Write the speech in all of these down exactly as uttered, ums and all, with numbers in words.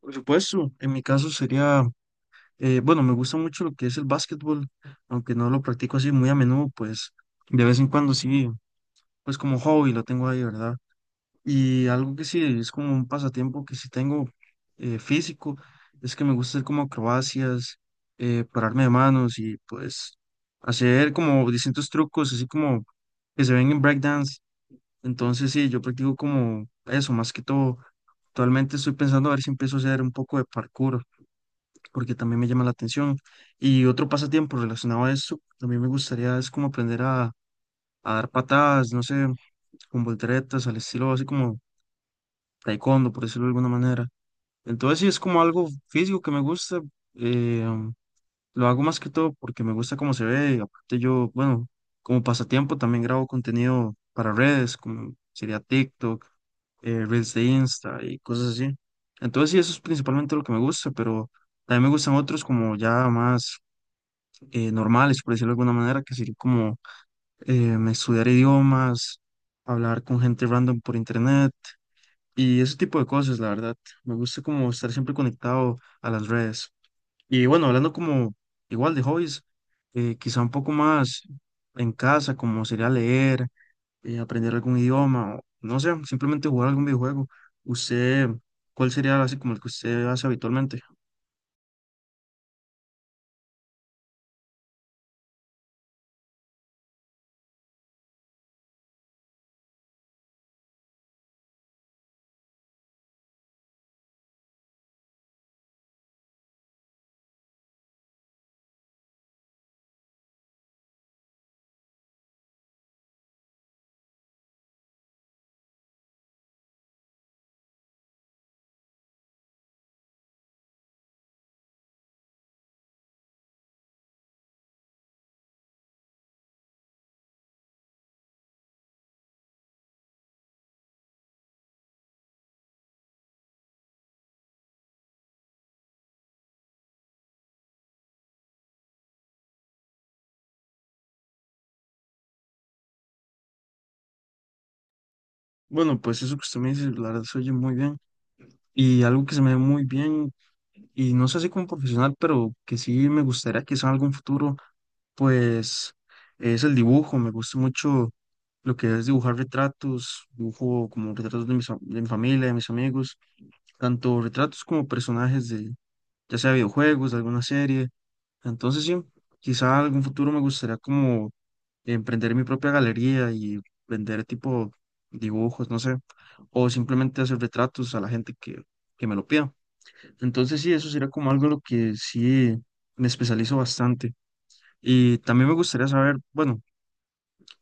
Por supuesto, en mi caso sería, eh, bueno, me gusta mucho lo que es el básquetbol, aunque no lo practico así muy a menudo, pues de vez en cuando sí, pues como hobby lo tengo ahí, ¿verdad? Y algo que sí es como un pasatiempo que sí tengo eh, físico, es que me gusta hacer como acrobacias, eh, pararme de manos y pues hacer como distintos trucos, así como que se ven en breakdance. Entonces sí, yo practico como eso, más que todo. Actualmente estoy pensando a ver si empiezo a hacer un poco de parkour porque también me llama la atención. Y otro pasatiempo relacionado a esto, también me gustaría es como aprender a, a dar patadas, no sé, con volteretas, al estilo así como taekwondo, por decirlo de alguna manera. Entonces sí, es como algo físico que me gusta. eh, um, lo hago más que todo porque me gusta cómo se ve. Y aparte yo, bueno, como pasatiempo también grabo contenido para redes, como sería TikTok, eh, Reels de Insta y cosas así. Entonces sí, eso es principalmente lo que me gusta, pero también me gustan otros como ya más eh, normales, por decirlo de alguna manera, que sería como em, estudiar idiomas, hablar con gente random por internet y ese tipo de cosas, la verdad. Me gusta como estar siempre conectado a las redes. Y bueno, hablando como igual de hobbies, eh, quizá un poco más en casa, como sería leer, eh, aprender algún idioma, o, no sé, simplemente jugar algún videojuego. ¿Usted, cuál sería así como el que usted hace habitualmente? Bueno, pues eso que usted me dice, la verdad se oye muy bien. Y algo que se me ve muy bien, y no sé si como profesional, pero que sí me gustaría quizá en algún futuro, pues es el dibujo. Me gusta mucho lo que es dibujar retratos, dibujo como retratos de, mis, fa- de mi familia, de mis amigos, tanto retratos como personajes de ya sea videojuegos, de alguna serie. Entonces sí, quizá algún futuro me gustaría como emprender mi propia galería y vender tipo dibujos, no sé, o simplemente hacer retratos a la gente que, que me lo pida. Entonces sí, eso sería como algo en lo que sí me especializo bastante. Y también me gustaría saber, bueno,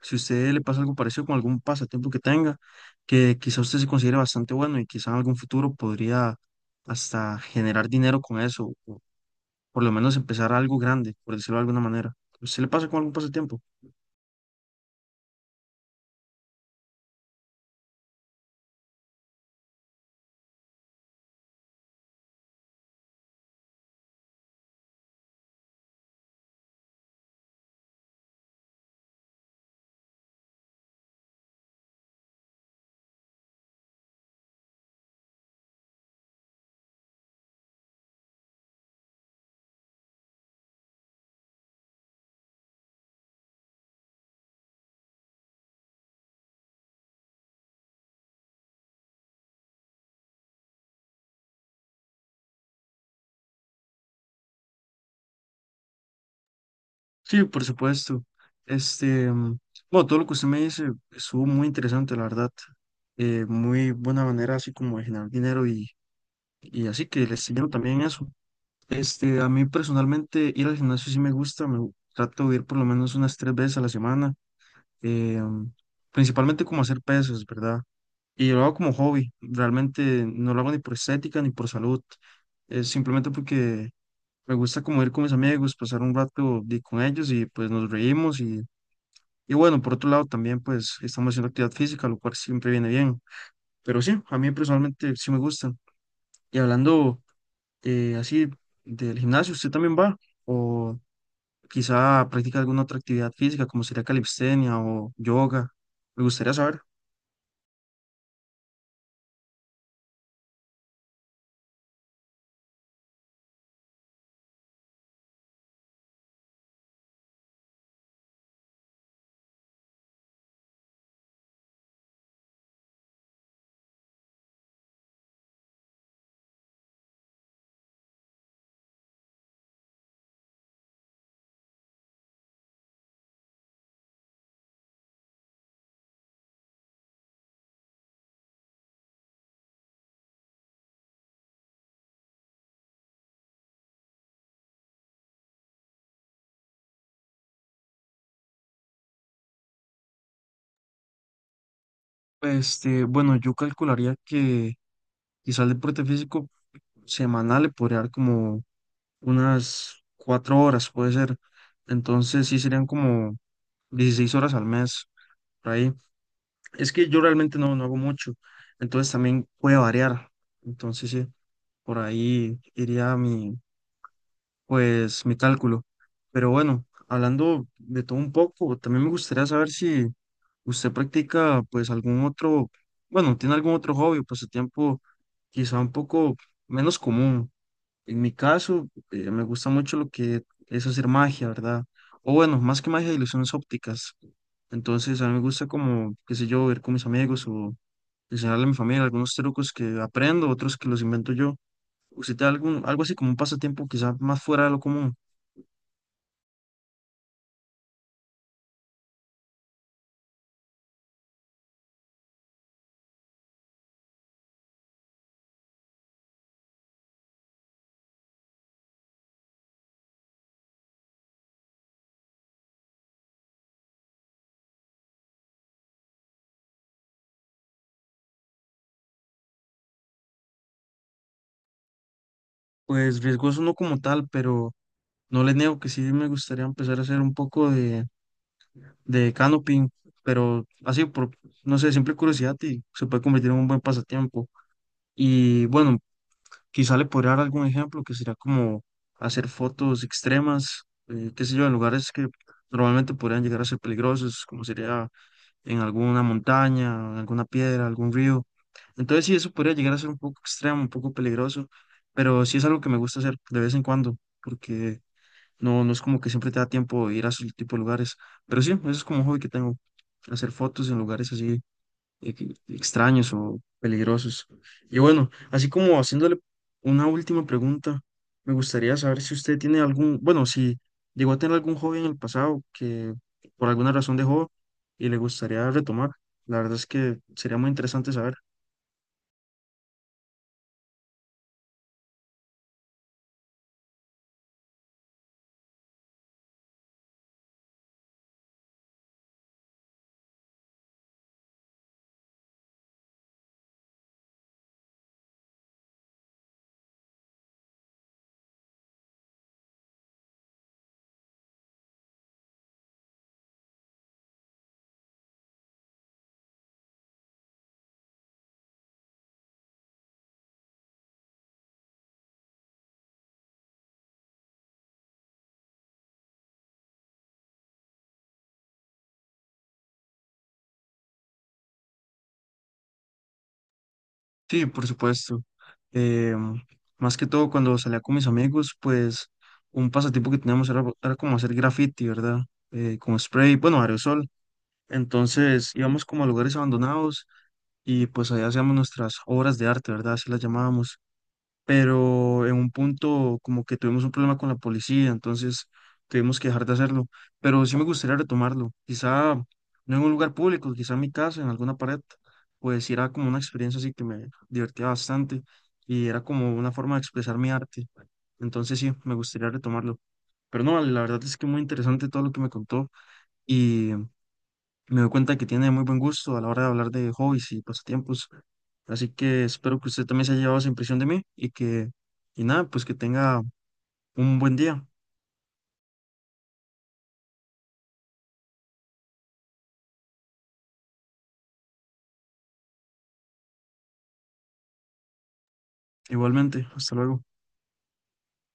si a usted le pasa algo parecido con algún pasatiempo que tenga, que quizá usted se considere bastante bueno y quizá en algún futuro podría hasta generar dinero con eso, o por lo menos empezar algo grande, por decirlo de alguna manera. ¿A usted le pasa con algún pasatiempo? Sí, por supuesto. Este, mm, bueno, todo lo que usted me dice estuvo muy interesante, la verdad. Eh, muy buena manera así como de generar dinero y Y así que les enseñaron también eso. Este, a mí personalmente ir al gimnasio sí me gusta, me gu- trato de ir por lo menos unas tres veces a la semana, eh, principalmente como hacer pesas, ¿verdad? Y lo hago como hobby, realmente no lo hago ni por estética ni por salud, es simplemente porque me gusta como ir con mis amigos, pasar un rato de- con ellos y pues nos reímos y, y bueno, por otro lado también pues estamos haciendo actividad física, lo cual siempre viene bien, pero sí, a mí personalmente sí me gusta. Y hablando... eh, así del gimnasio, ¿usted también va? O quizá practica alguna otra actividad física, como sería calistenia o yoga. Me gustaría saber. Este, bueno, yo calcularía que quizá el deporte físico semanal le podría dar como unas cuatro horas, puede ser. Entonces sí serían como dieciséis horas al mes, por ahí. Es que yo realmente no, no hago mucho, entonces también puede variar. Entonces sí, por ahí iría mi pues mi cálculo. Pero bueno, hablando de todo un poco, también me gustaría saber si usted practica pues algún otro, bueno, tiene algún otro hobby o pasatiempo quizá un poco menos común. En mi caso, eh, me gusta mucho lo que es hacer magia, ¿verdad? O bueno, más que magia, ilusiones ópticas. Entonces, a mí me gusta como, qué sé yo, ver con mis amigos o enseñarle a mi familia algunos trucos que aprendo, otros que los invento yo. ¿Usted tiene algún, algo así como un pasatiempo quizá más fuera de lo común? Pues riesgoso no como tal, pero no le niego que sí me gustaría empezar a hacer un poco de, de canoping, pero así por, no sé, simple curiosidad y se puede convertir en un buen pasatiempo. Y bueno, quizá le podría dar algún ejemplo que sería como hacer fotos extremas, eh, qué sé yo, en lugares que normalmente podrían llegar a ser peligrosos, como sería en alguna montaña, alguna piedra, algún río. Entonces sí, eso podría llegar a ser un poco extremo, un poco peligroso, pero sí es algo que me gusta hacer de vez en cuando, porque no, no es como que siempre te da tiempo de ir a esos tipo de lugares. Pero sí, eso es como un hobby que tengo, hacer fotos en lugares así e- que- extraños o peligrosos. Y bueno, así como haciéndole una última pregunta, me gustaría saber si usted tiene algún, bueno, si llegó a tener algún hobby en el pasado que por alguna razón dejó y le gustaría retomar. La verdad es que sería muy interesante saber. Sí, por supuesto. Em, más que todo cuando salía con mis amigos, pues un pasatiempo que teníamos era, era como hacer graffiti, ¿verdad? Eh, con spray, bueno, aerosol. Entonces íbamos como a lugares abandonados y pues allá hacíamos nuestras obras de arte, ¿verdad? Así las llamábamos. Pero en un punto como que tuvimos un problema con la policía, entonces tuvimos que dejar de hacerlo. Pero sí me gustaría retomarlo, quizá no en un lugar público, quizá en mi casa, en alguna pared, pues sí era como una experiencia así que me divertía bastante y era como una forma de expresar mi arte. Entonces sí, me gustaría retomarlo. Pero no, vale, la verdad es que muy interesante todo lo que me contó y me doy cuenta que tiene muy buen gusto a la hora de hablar de hobbies y pasatiempos. Así que espero que usted también se haya llevado esa impresión de mí y que, y nada, pues que tenga un buen día. Igualmente, hasta luego.